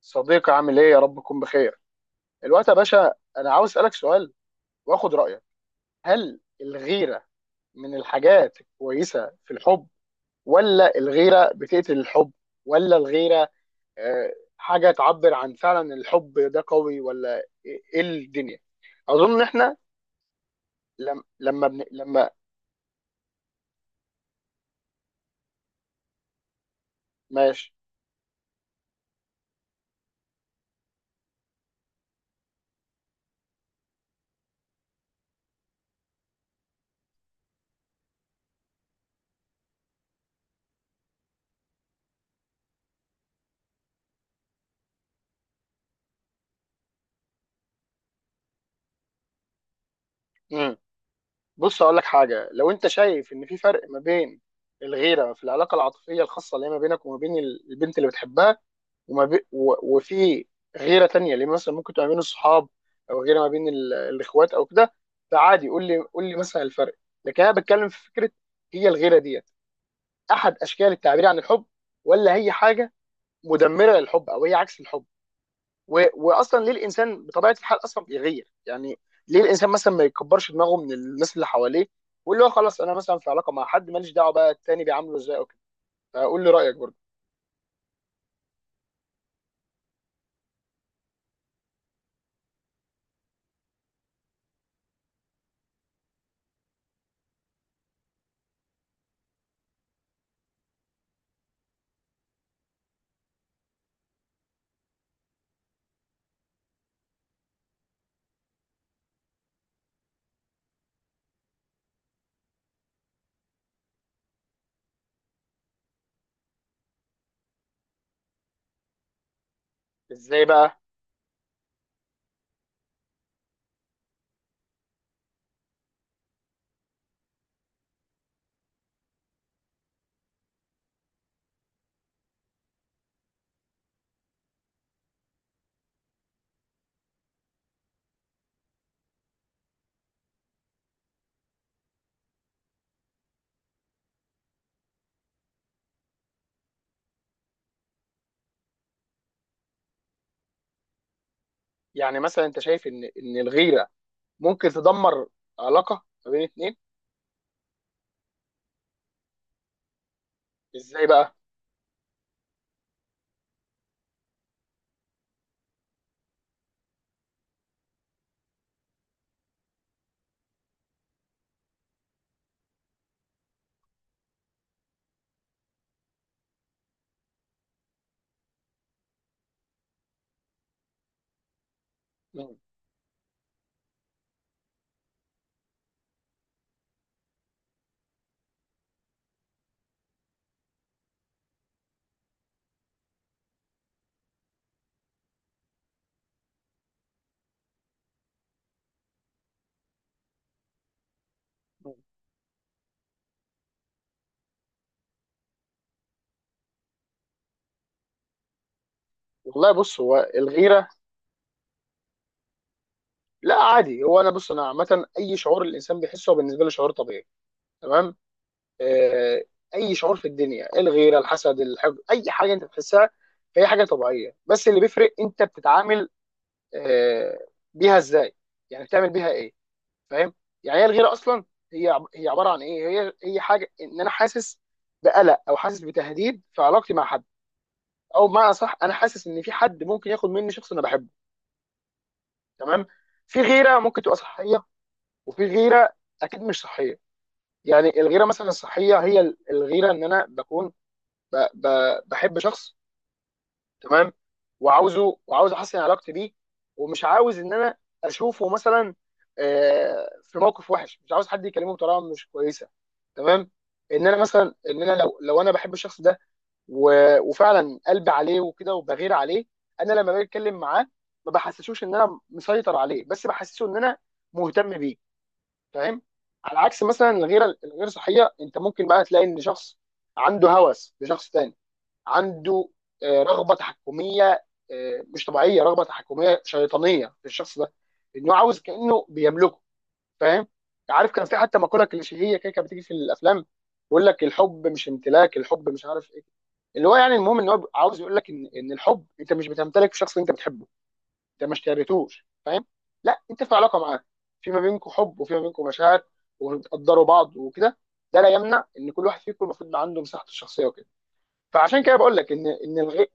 صديقي، عامل ايه؟ يا رب تكون بخير الوقت يا باشا. انا عاوز اسالك سؤال، واخد رايك. هل الغيره من الحاجات الكويسه في الحب، ولا الغيره بتقتل الحب، ولا الغيره آه، حاجه تعبر عن فعلا إن الحب ده قوي، ولا ايه إيه الدنيا؟ اظن ان احنا لم... لما بن... لما. ماشي. مم. بص اقول لك حاجه. لو انت شايف ان في فرق ما بين الغيره في العلاقه العاطفيه الخاصه اللي هي ما بينك وما بين البنت اللي بتحبها، وفي غيره تانية اللي مثلا ممكن تبقى ما بين الصحاب، او غيره ما بين الاخوات او كده، فعادي قول لي مثلا الفرق. لكن انا بتكلم في فكره: هي الغيره ديت احد اشكال التعبير عن الحب، ولا هي حاجه مدمره للحب، او هي عكس الحب، واصلا ليه الانسان بطبيعه الحال اصلا بيغير يعني؟ ليه الانسان مثلا ما يكبرش دماغه من الناس اللي حواليه، واللي هو خلاص انا مثلا في علاقه مع حد، ماليش دعوه بقى التاني بيعامله ازاي او كده؟ فقول لي رايك برضه. ازاي بقى؟ يعني مثلا انت شايف ان الغيره ممكن تدمر علاقه ما بين اتنين؟ ازاي بقى؟ مم. مم. والله، بص، هو الغيره، لا عادي، هو انا، بص، انا عامه اي شعور الانسان بيحسه هو بالنسبه له شعور طبيعي. تمام؟ آه. اي شعور في الدنيا، الغيره، الحسد، الحب، اي حاجه انت بتحسها هي حاجه طبيعيه، بس اللي بيفرق انت بتتعامل آه بيها ازاي؟ يعني بتعمل بيها ايه؟ فاهم؟ يعني هي الغيره اصلا، هي عباره عن ايه؟ هي حاجه ان انا حاسس بقلق، او حاسس بتهديد في علاقتي مع حد، او بمعنى صح انا حاسس ان في حد ممكن ياخد مني شخص انا بحبه. تمام. في غيره ممكن تبقى صحيه، وفي غيره اكيد مش صحيه. يعني الغيره مثلا الصحيه هي الغيره ان انا بكون ب... ب... بحب شخص. تمام. وعاوز احسن علاقتي بيه، ومش عاوز ان انا اشوفه مثلا في موقف وحش، مش عاوز حد يكلمه بطريقه مش كويسه. تمام. ان انا مثلا، ان انا لو انا بحب الشخص ده، وفعلا قلبي عليه وكده وبغير عليه، انا لما باجي اتكلم معاه ما بحسسوش ان انا مسيطر عليه، بس بحسسه ان انا مهتم بيه. فاهم؟ على عكس مثلا الغيره الغير صحيه، انت ممكن بقى تلاقي ان شخص عنده هوس لشخص تاني، عنده رغبه تحكميه، مش طبيعيه، رغبه تحكميه شيطانيه في الشخص ده، انه عاوز كانه بيملكه. فاهم؟ عارف، كان في حتى مقوله كليشيهيه كده كانت بتيجي في الافلام، يقول لك الحب مش امتلاك، الحب مش عارف ايه. اللي هو يعني المهم ان هو عاوز يقول لك ان الحب انت مش بتمتلك شخص انت بتحبه، انت ما اشتريتوش. فاهم؟ لا، انت في علاقه معاه، في ما بينكم حب وفي ما بينكم مشاعر، وبتقدروا بعض وكده. ده لا يمنع ان كل واحد فيكم المفروض يبقى عنده مساحته الشخصيه وكده. فعشان كده بقول لك ان الغي.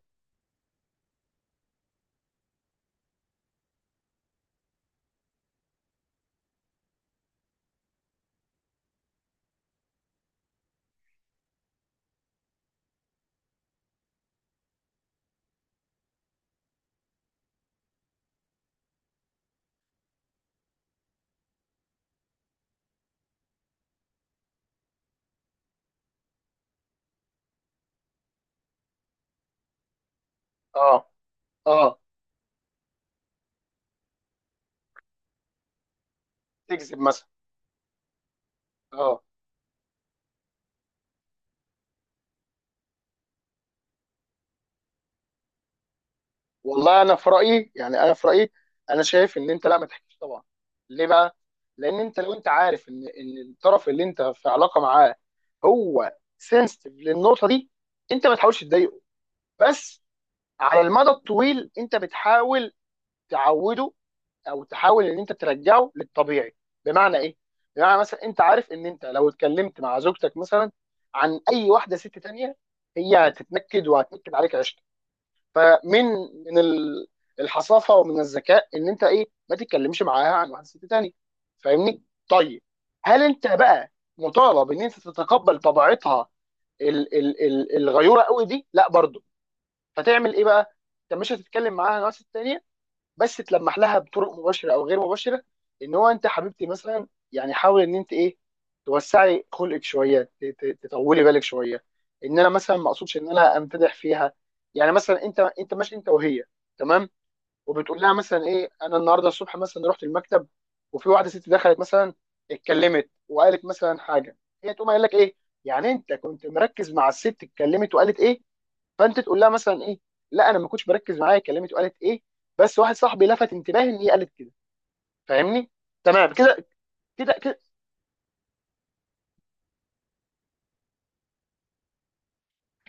اه. اه، تكذب مثلا. اه. والله انا في رايي يعني، انا في رايي، انا شايف ان انت لا، ما تحكيش طبعا. ليه بقى؟ لان انت لو انت عارف ان الطرف اللي انت في علاقه معاه هو سنسيتيف للنقطه دي، انت ما تحاولش تضايقه. بس على المدى الطويل انت بتحاول تعوده، او تحاول ان انت ترجعه للطبيعي. بمعنى ايه؟ بمعنى مثلا انت عارف ان انت لو اتكلمت مع زوجتك مثلا عن اي واحده ست تانية، هي هتتنكد وهتنكد عليك 20. فمن من ال- الحصافه ومن الذكاء ان انت ايه، ما تتكلمش معاها عن واحد ست تاني. فاهمني؟ طيب. هل انت بقى مطالب ان انت تتقبل طبيعتها ال ال ال الغيوره قوي دي؟ لا برضه. فتعمل ايه بقى؟ انت مش هتتكلم معاها عن واحد ست تانية، بس تلمح لها بطرق مباشره او غير مباشره ان هو انت حبيبتي مثلا يعني، حاول ان انت ايه، توسعي خلقك شويه، تطولي بالك شويه. ان انا مثلا ما اقصدش ان انا امتدح فيها. يعني مثلا، انت ماشي انت وهي، تمام، وبتقول لها مثلا ايه: انا النهارده الصبح مثلا رحت المكتب، وفي واحده ست دخلت مثلا، اتكلمت وقالت مثلا حاجه. هي تقوم قايل لك ايه؟ يعني انت كنت مركز مع الست، اتكلمت وقالت ايه؟ فانت تقول لها مثلا ايه: لا انا ما كنتش بركز، معايا كلمت وقالت ايه، بس واحد صاحبي لفت انتباهي ان هي قالت كده. فاهمني؟ تمام كده. كده كده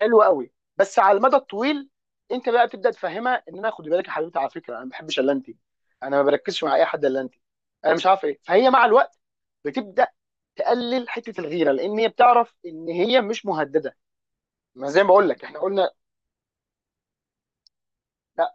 حلو قوي. بس على المدى الطويل، انت بقى تبدا تفهمها ان انا خدي بالك يا حبيبتي، على فكره انا ما بحبش الا انت، انا ما بركزش مع اي حد الا انت، انا مش عارف ايه. فهي مع الوقت بتبدا تقلل حته الغيره، لان هي بتعرف ان هي مش مهدده. ما زي ما بقول لك احنا قلنا. لا،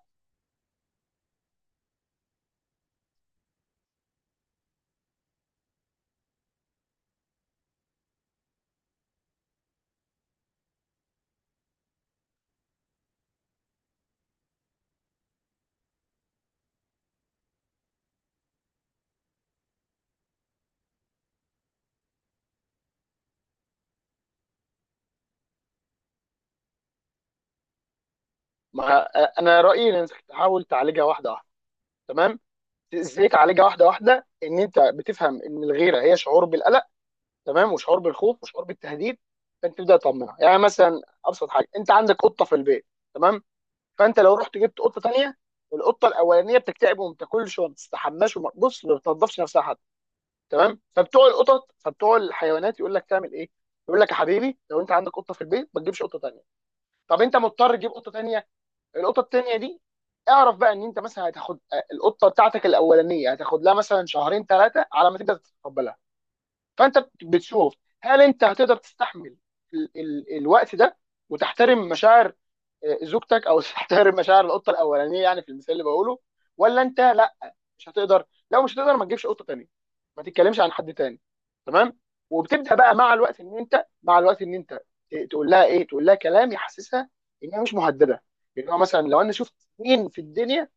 ما انا رايي ان انت تحاول تعالجها واحده واحده. تمام. ازاي تعالجها واحده واحده؟ ان انت بتفهم ان الغيره هي شعور بالقلق، تمام، وشعور بالخوف وشعور بالتهديد. فانت تبدا تطمنها. يعني مثلا ابسط حاجه، انت عندك قطه في البيت، تمام، فانت لو رحت جبت قطه تانيه، القطه الاولانيه بتكتئب وما بتاكلش وما بتستحماش وما بص ما بتنضفش نفسها حتى. تمام. فبتوع القطط، فبتوع الحيوانات، يقول لك تعمل ايه؟ يقول لك يا حبيبي لو انت عندك قطه في البيت، ما تجيبش قطه تانيه. طب انت مضطر تجيب قطه تانيه، القطه التانيه دي اعرف بقى ان انت مثلا هتاخد القطه بتاعتك الاولانيه، هتاخد لها مثلا شهرين ثلاثه على ما تقدر تتقبلها. فانت بتشوف هل انت هتقدر تستحمل ال ال الوقت ده، وتحترم مشاعر زوجتك، او تحترم مشاعر القطه الاولانيه، يعني في المثال اللي بقوله؟ ولا انت لا، مش هتقدر؟ لو مش هتقدر، ما تجيبش قطه تانيه، ما تتكلمش عن حد تاني. تمام. وبتبدا بقى مع الوقت ان انت، تقول لها ايه، تقول لها كلام يحسسها انها مش مهدده. يعني هو مثلا لو انا شفت مين في الدنيا،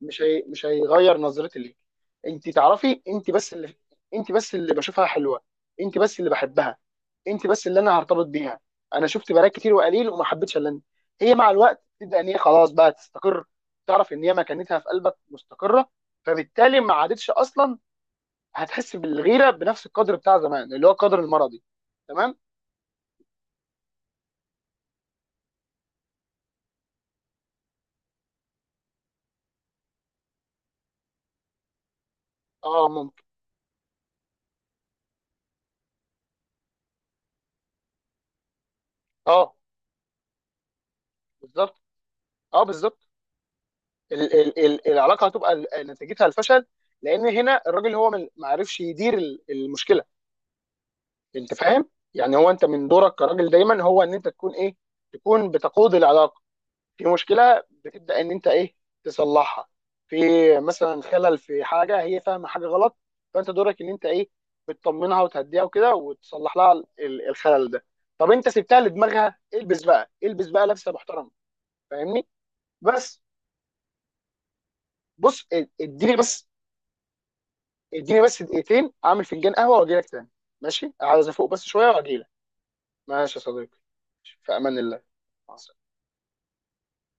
مش هيغير نظرتي ليك. انت تعرفي، انت بس اللي بشوفها حلوه، انت بس اللي بحبها، انت بس اللي انا هرتبط بيها. انا شفت بنات كتير وقليل وما حبيتش الا انت. هي مع الوقت تبدا ان هي خلاص بقى تستقر، تعرف ان هي مكانتها في قلبك مستقره، فبالتالي ما عادتش اصلا هتحس بالغيره بنفس القدر بتاع زمان، اللي هو القدر المرضي. تمام. اه ممكن. اه بالظبط. اه بالظبط. ال ال ال العلاقه هتبقى نتيجتها الفشل. لان هنا الراجل هو ما عرفش يدير المشكله. انت فاهم؟ يعني هو انت من دورك كراجل دايما هو ان انت تكون ايه، تكون بتقود العلاقه. في مشكله بتبدا ان انت ايه، تصلحها. في مثلا خلل في حاجه، هي فاهمه حاجه غلط، فانت دورك ان انت ايه، بتطمنها وتهديها وكده وتصلح لها الخلل ده. طب انت سبتها لدماغها، البس بقى لبسه محترمه. فاهمني؟ بس. بص، اديني بس، دقيقتين اعمل فنجان قهوه واجي لك تاني. ماشي، عايز افوق بس شويه واجي لك. ماشي يا صديقي. في امان الله. مع